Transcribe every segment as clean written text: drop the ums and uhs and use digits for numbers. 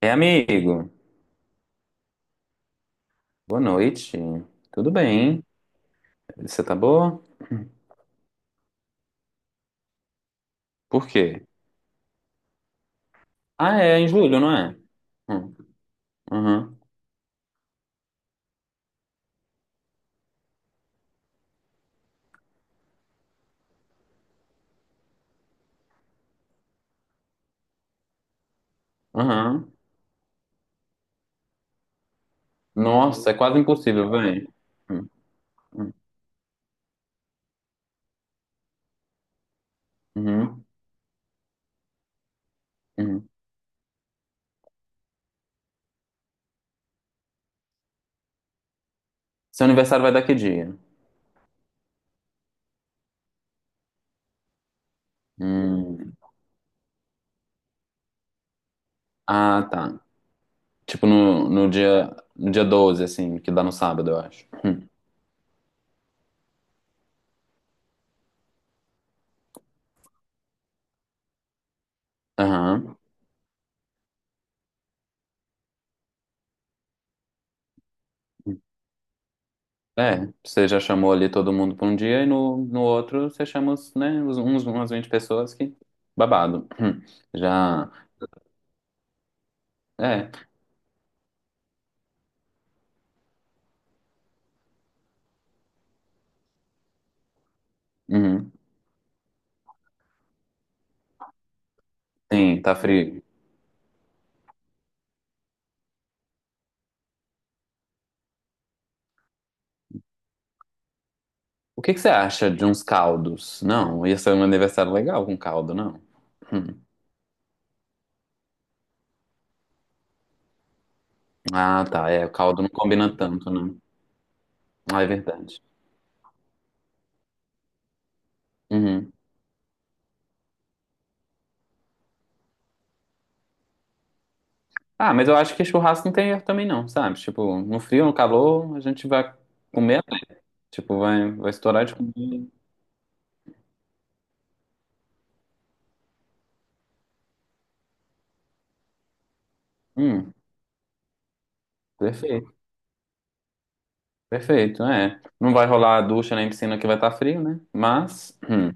É, amigo. Boa noite. Tudo bem? Você tá boa? Por quê? Ah, é em julho, não é? Hum. Uhum, uhum. Nossa, é quase impossível, vem. Hum, hum. Uhum, uhum. Seu aniversário vai dar que dia? Hum. Ah, tá. Tipo no dia 12, assim, que dá no sábado, eu acho. Hum. Aham. É, você já chamou ali todo mundo pra um dia e no outro você chama, né, umas 20 pessoas que babado. Hum. Já. É. Uhum. Sim, tá frio. O que que você acha de uns caldos? Não, ia ser um aniversário legal com caldo, não. Hum. Ah, tá. É, o caldo não combina tanto, né? Ah, é verdade. Uhum. Ah, mas eu acho que churrasco não tem erro também, não, sabe? Tipo, no frio, no calor, a gente vai comer, né? Tipo, vai estourar de comida. Hum, perfeito, perfeito, é. Não vai rolar a ducha nem piscina que vai estar frio, né? Mas,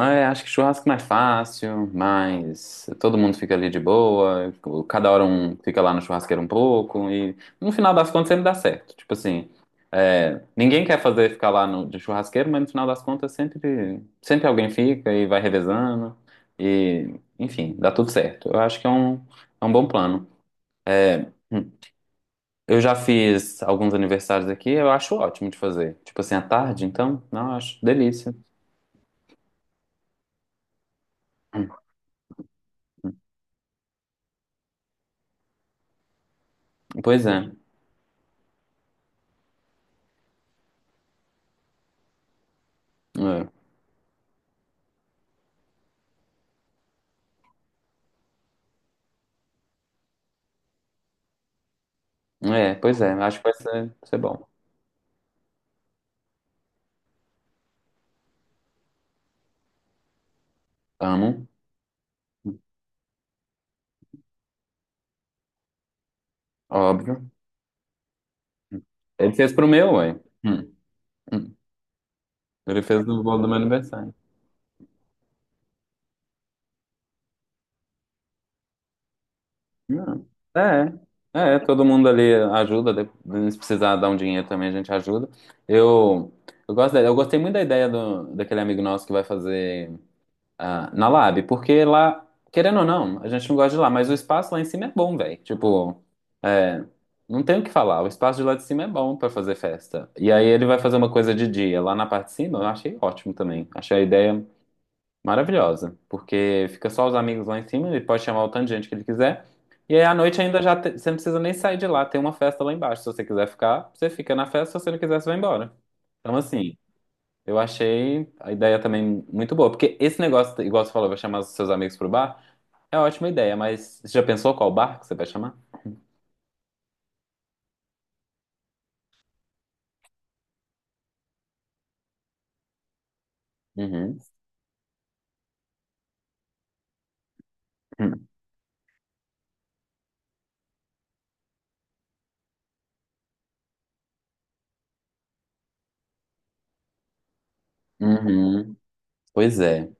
Ah, é, acho que churrasco é mais fácil, mas todo mundo fica ali de boa, cada hora um fica lá no churrasqueiro um pouco, e no final das contas sempre dá certo. Tipo assim, é, ninguém quer fazer ficar lá no, de churrasqueiro, mas no final das contas sempre, sempre alguém fica e vai revezando, e enfim, dá tudo certo. Eu acho que é um bom plano. É, eu já fiz alguns aniversários aqui, eu acho ótimo de fazer. Tipo assim, à tarde, então, não, eu acho delícia. Hum. Pois é. É. É, pois é, acho que vai ser bom. Amo, óbvio. Ele fez pro meu, ué. Hum, hum. Ele fez no bolo do meu aniversário. Não. É, é, todo mundo ali ajuda, de- se precisar dar um dinheiro também, a gente ajuda. Eu, eu gosto da- eu gostei muito da ideia daquele amigo nosso que vai fazer. Na Lab, porque lá, querendo ou não, a gente não gosta de lá, mas o espaço lá em cima é bom, velho. Tipo, é, não tem o que falar, o espaço de lá de cima é bom pra fazer festa. E aí ele vai fazer uma coisa de dia lá na parte de cima, eu achei ótimo também. Achei a ideia maravilhosa, porque fica só os amigos lá em cima, ele pode chamar o tanto de gente que ele quiser. E aí à noite ainda você não precisa nem sair de lá, tem uma festa lá embaixo. Se você quiser ficar, você fica na festa, se você não quiser, você vai embora. Então, assim, eu achei a ideia também muito boa, porque esse negócio, igual você falou, vai chamar os seus amigos pro bar, é uma ótima ideia, mas você já pensou qual bar que você vai chamar? Uhum. Uhum. Pois é.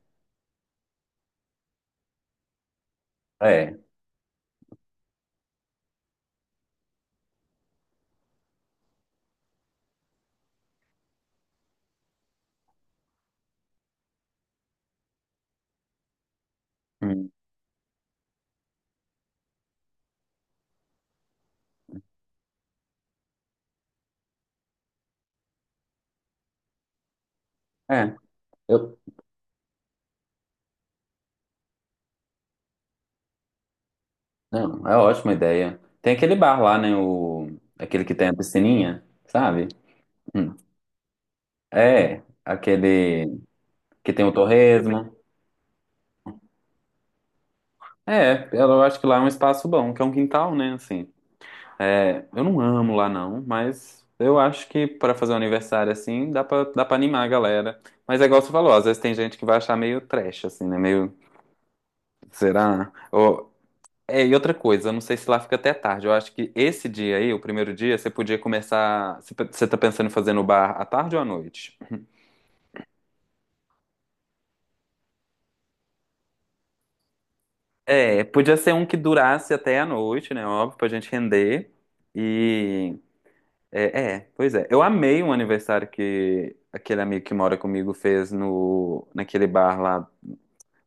É. Hum. É. Eu... Não, é ótima ideia. Tem aquele bar lá, né? O... Aquele que tem a piscininha, sabe? Hum. É. Aquele que tem o torresmo. É, eu acho que lá é um espaço bom, que é um quintal, né? Assim. É, eu não amo lá não, mas eu acho que pra fazer um aniversário assim, dá pra animar a galera. Mas é igual você falou, às vezes tem gente que vai achar meio trash, assim, né? Meio, será? Ou, é, e outra coisa, eu não sei se lá fica até tarde. Eu acho que esse dia aí, o primeiro dia, você podia começar. Você tá pensando em fazer no bar à tarde ou à noite? É, podia ser um que durasse até a noite, né? Óbvio, pra gente render. E é, pois é. Eu amei um aniversário que aquele amigo que mora comigo fez no, naquele bar lá.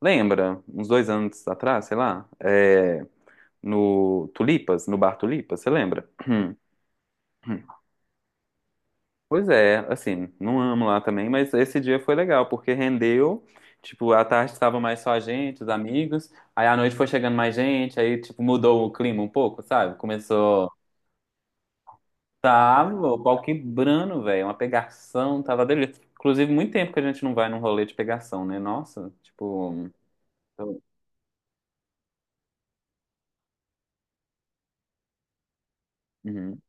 Lembra? Uns 2 anos atrás, sei lá. É, no Tulipas, no bar Tulipas, você lembra? Pois é, assim, não amo lá também, mas esse dia foi legal, porque rendeu. Tipo, à tarde estava mais só a gente, os amigos. Aí à noite foi chegando mais gente, aí, tipo, mudou o clima um pouco, sabe? Começou. Tava, o pau quebrando, velho. Uma pegação, tava delícia. Inclusive, muito tempo que a gente não vai num rolê de pegação, né? Nossa, tipo. eu- uhum.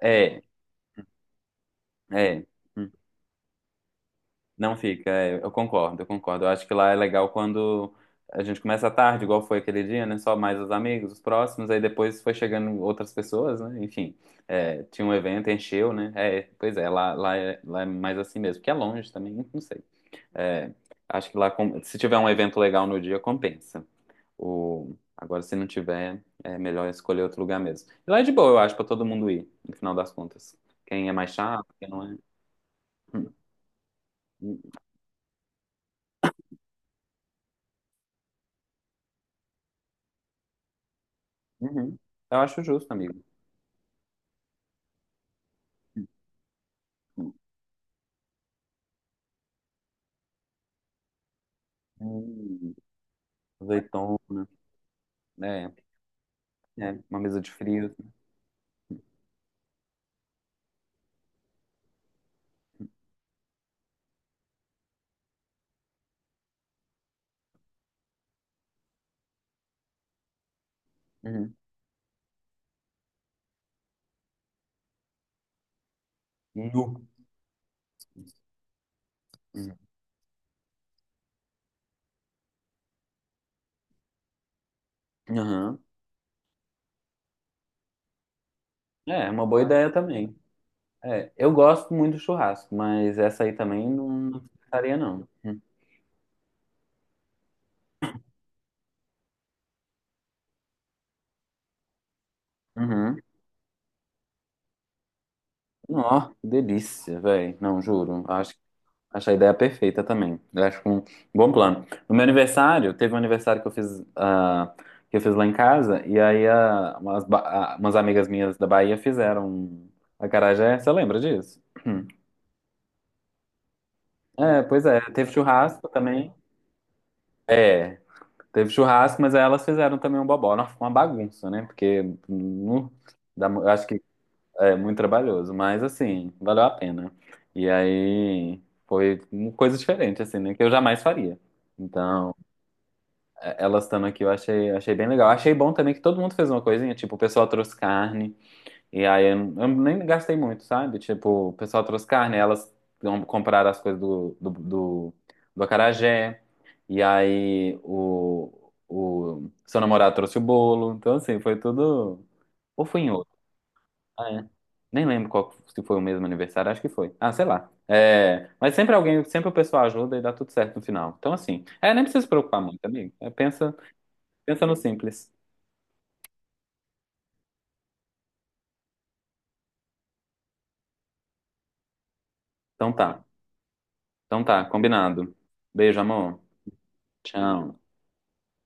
É, é. Hum. Não fica, é, eu concordo, eu concordo. Eu acho que lá é legal quando a gente começa à tarde, igual foi aquele dia, né? Só mais os amigos, os próximos, aí depois foi chegando outras pessoas, né? Enfim, é, tinha um evento, encheu, né? É, pois é, lá é mais assim mesmo, porque é longe também, não sei. É, acho que lá, com- se tiver um evento legal no dia, compensa. O... Agora, se não tiver, é melhor escolher outro lugar mesmo. E lá é de boa, eu acho, pra todo mundo ir, no final das contas. Quem é mais chato, quem não é. Uhum. Uhum. Eu acho justo, amigo. Hum, azeitona, é, é, uma mesa de frios. Uhum. Nu. Uhum. Aham. É, é uma boa ideia também. É, eu gosto muito do churrasco, mas essa aí também não ficaria, não. Uhum. Ó, delícia, velho. Não, juro. Acho a ideia perfeita também. Eu acho um bom plano. No meu aniversário, teve um aniversário que eu fiz lá em casa, e aí umas amigas minhas da Bahia fizeram um acarajé. Você lembra disso? É, pois é. Teve churrasco também. É, teve churrasco, mas aí elas fizeram também um bobó. Nossa, foi uma bagunça, né? Porque nu, eu acho que é muito trabalhoso, mas assim, valeu a pena. E aí foi uma coisa diferente, assim, né? Que eu jamais faria. Então. Elas estando aqui, eu achei, achei bem legal. Achei bom também que todo mundo fez uma coisinha, tipo, o pessoal trouxe carne, e aí eu nem gastei muito, sabe? Tipo, o pessoal trouxe carne, elas compraram as coisas do acarajé, e aí o seu namorado trouxe o bolo, então assim, foi tudo. Ou foi em outro? Ah, é. Nem lembro qual, se foi o mesmo aniversário, acho que foi. Ah, sei lá. É, mas sempre alguém, sempre o pessoal ajuda e dá tudo certo no final. Então, assim, é, nem precisa se preocupar muito, amigo. É, pensa, pensa no simples. Então tá. Então tá, combinado. Beijo, amor. Tchau.